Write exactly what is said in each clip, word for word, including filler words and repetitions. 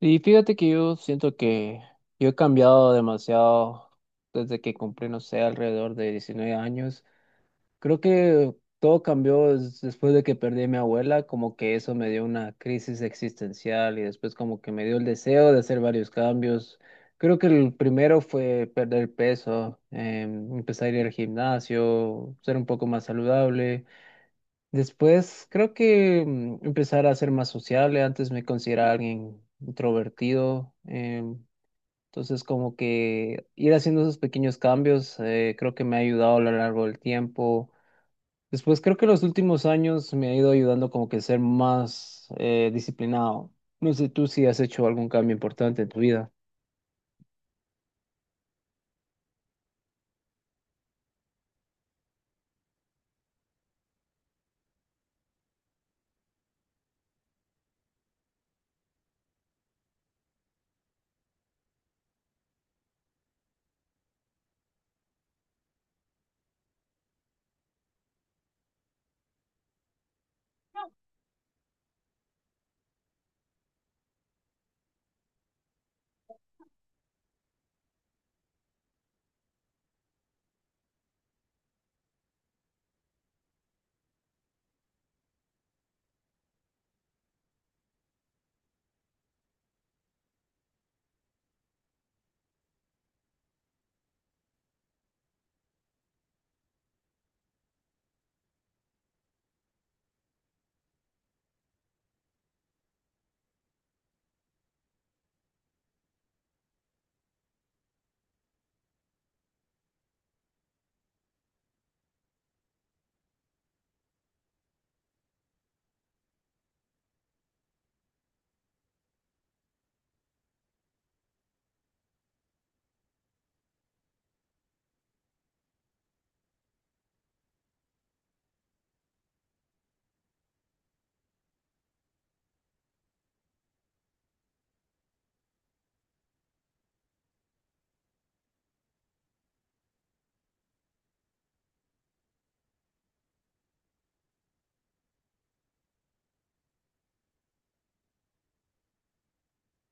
Y fíjate que yo siento que yo he cambiado demasiado desde que cumplí, no sé, alrededor de diecinueve años. Creo que todo cambió des- después de que perdí a mi abuela, como que eso me dio una crisis existencial y después como que me dio el deseo de hacer varios cambios. Creo que el primero fue perder peso, em, empezar a ir al gimnasio, ser un poco más saludable. Después creo que mm, empezar a ser más sociable. Antes me consideraba alguien introvertido. em, entonces como que ir haciendo esos pequeños cambios eh, creo que me ha ayudado a lo largo del tiempo. Después creo que los últimos años me ha ido ayudando como que ser más eh, disciplinado. No sé tú si has hecho algún cambio importante en tu vida.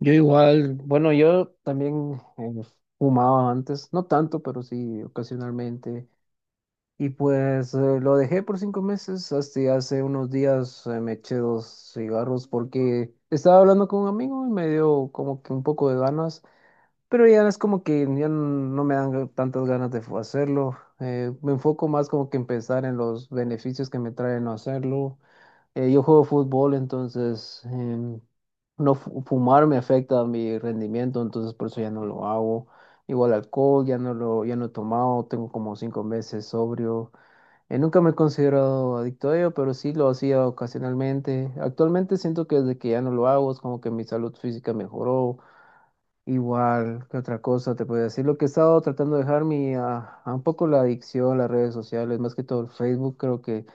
Yo igual, bueno, yo también eh, fumaba antes, no tanto, pero sí ocasionalmente. Y pues eh, lo dejé por cinco meses, hasta hace unos días eh, me eché dos cigarros porque estaba hablando con un amigo y me dio como que un poco de ganas, pero ya es como que ya no me dan tantas ganas de fu- hacerlo. Eh, me enfoco más como que en pensar en los beneficios que me trae no hacerlo. Eh, yo juego fútbol, entonces em, no fu- fumar me afecta a mi rendimiento, entonces por eso ya no lo hago. Igual alcohol, ya no lo, ya no he tomado, tengo como cinco meses sobrio. Eh, nunca me he considerado adicto a ello, pero sí lo hacía ocasionalmente. Actualmente siento que desde que ya no lo hago, es como que mi salud física mejoró. Igual, ¿qué otra cosa te puedo decir? Lo que he estado tratando de dejar mi, a, a un poco la adicción, las redes sociales, más que todo el Facebook, creo que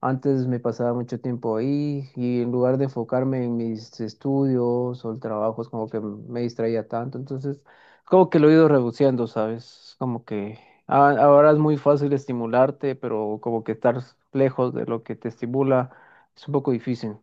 antes me pasaba mucho tiempo ahí y en lugar de enfocarme en mis estudios o el trabajo, es como que me distraía tanto. Entonces, como que lo he ido reduciendo, ¿sabes? Como que a- ahora es muy fácil estimularte, pero como que estar lejos de lo que te estimula es un poco difícil.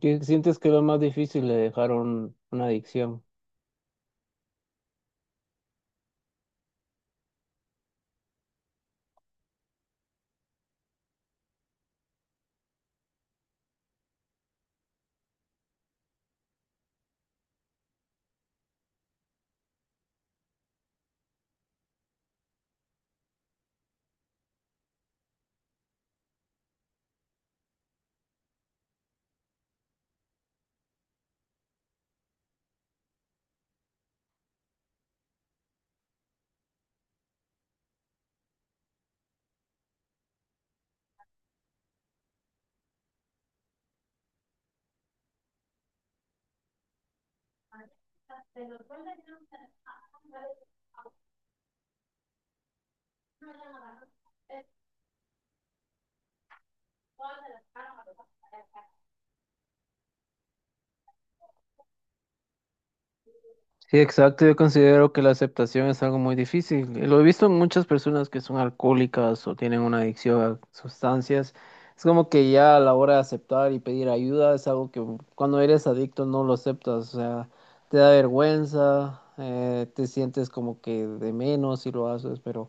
¿Qué- ¿Sientes que lo más difícil de dejar un- una adicción? Sí, exacto. Yo considero que la aceptación es algo muy difícil. Lo he visto en muchas personas que son alcohólicas o tienen una adicción a sustancias. Es como que ya a la hora de aceptar y pedir ayuda es algo que mm, cuando eres adicto no lo aceptas. O sea, te da vergüenza, eh, te sientes como que de menos si lo haces. Pero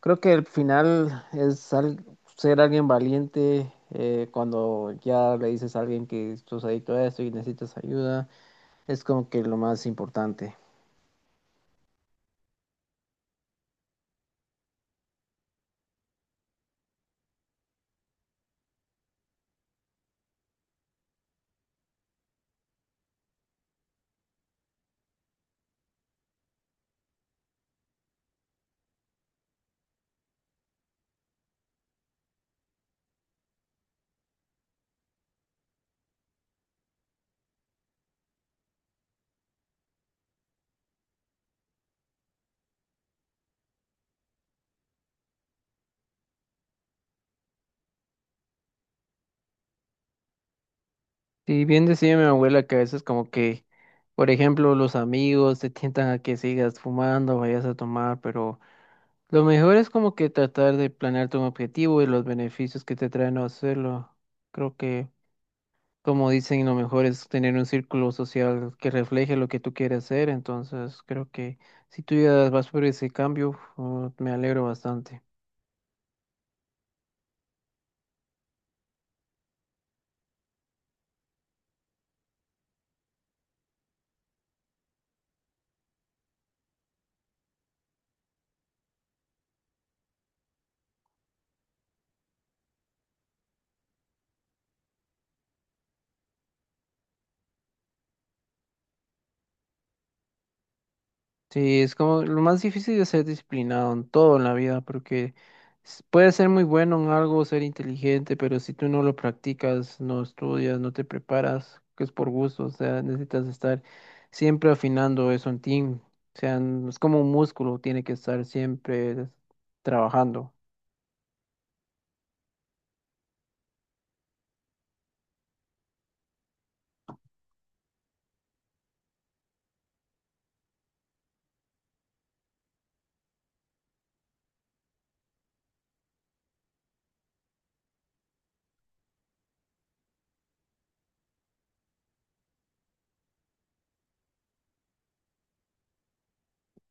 creo que al final es al- ser alguien valiente eh, cuando ya le dices a alguien que estás adicto a esto y necesitas ayuda. Es como que lo más importante. Sí, bien decía mi abuela que a veces como que, por ejemplo, los amigos te tientan a que sigas fumando, vayas a tomar, pero lo mejor es como que tratar de planearte un objetivo y los beneficios que te traen no hacerlo. Creo que, como dicen, lo mejor es tener un círculo social que refleje lo que tú quieres hacer, entonces creo que si tú ya vas por ese cambio, uh, me alegro bastante. Sí, es como lo más difícil de ser disciplinado en todo en la vida, porque s- puedes ser muy bueno en algo, ser inteligente, pero si tú no lo practicas, no estudias, no te preparas, que es por gusto, o sea, necesitas estar siempre afinando eso en ti. O sea, n- es como un músculo, tiene que estar siempre trabajando.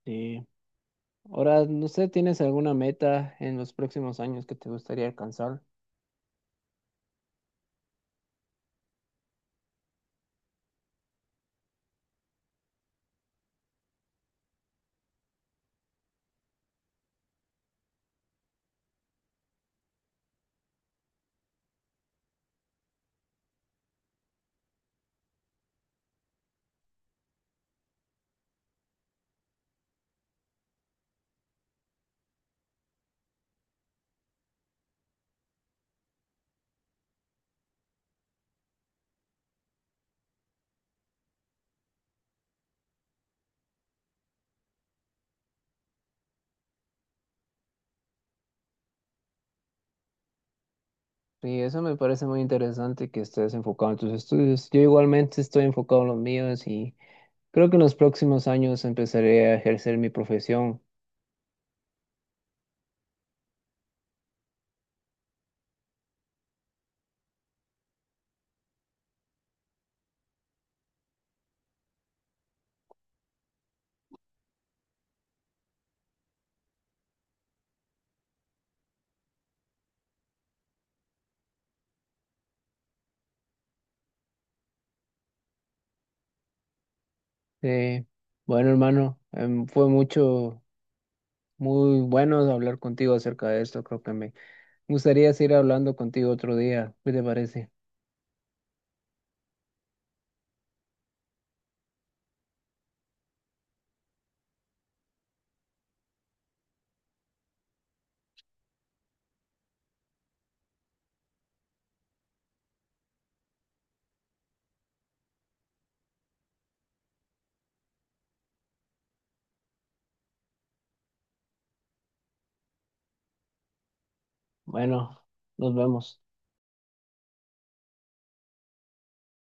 Sí. Ahora, no sé, ¿tienes alguna meta en los próximos años que te gustaría alcanzar? Y eso me parece muy interesante que estés enfocado en tus estudios. Yo igualmente estoy enfocado en los míos y creo que en los próximos años empezaré a ejercer mi profesión. Eh, bueno, hermano, em, fue mucho, muy bueno hablar contigo acerca de esto. Creo que me gustaría seguir hablando contigo otro día. ¿Qué te parece? Bueno, nos vemos.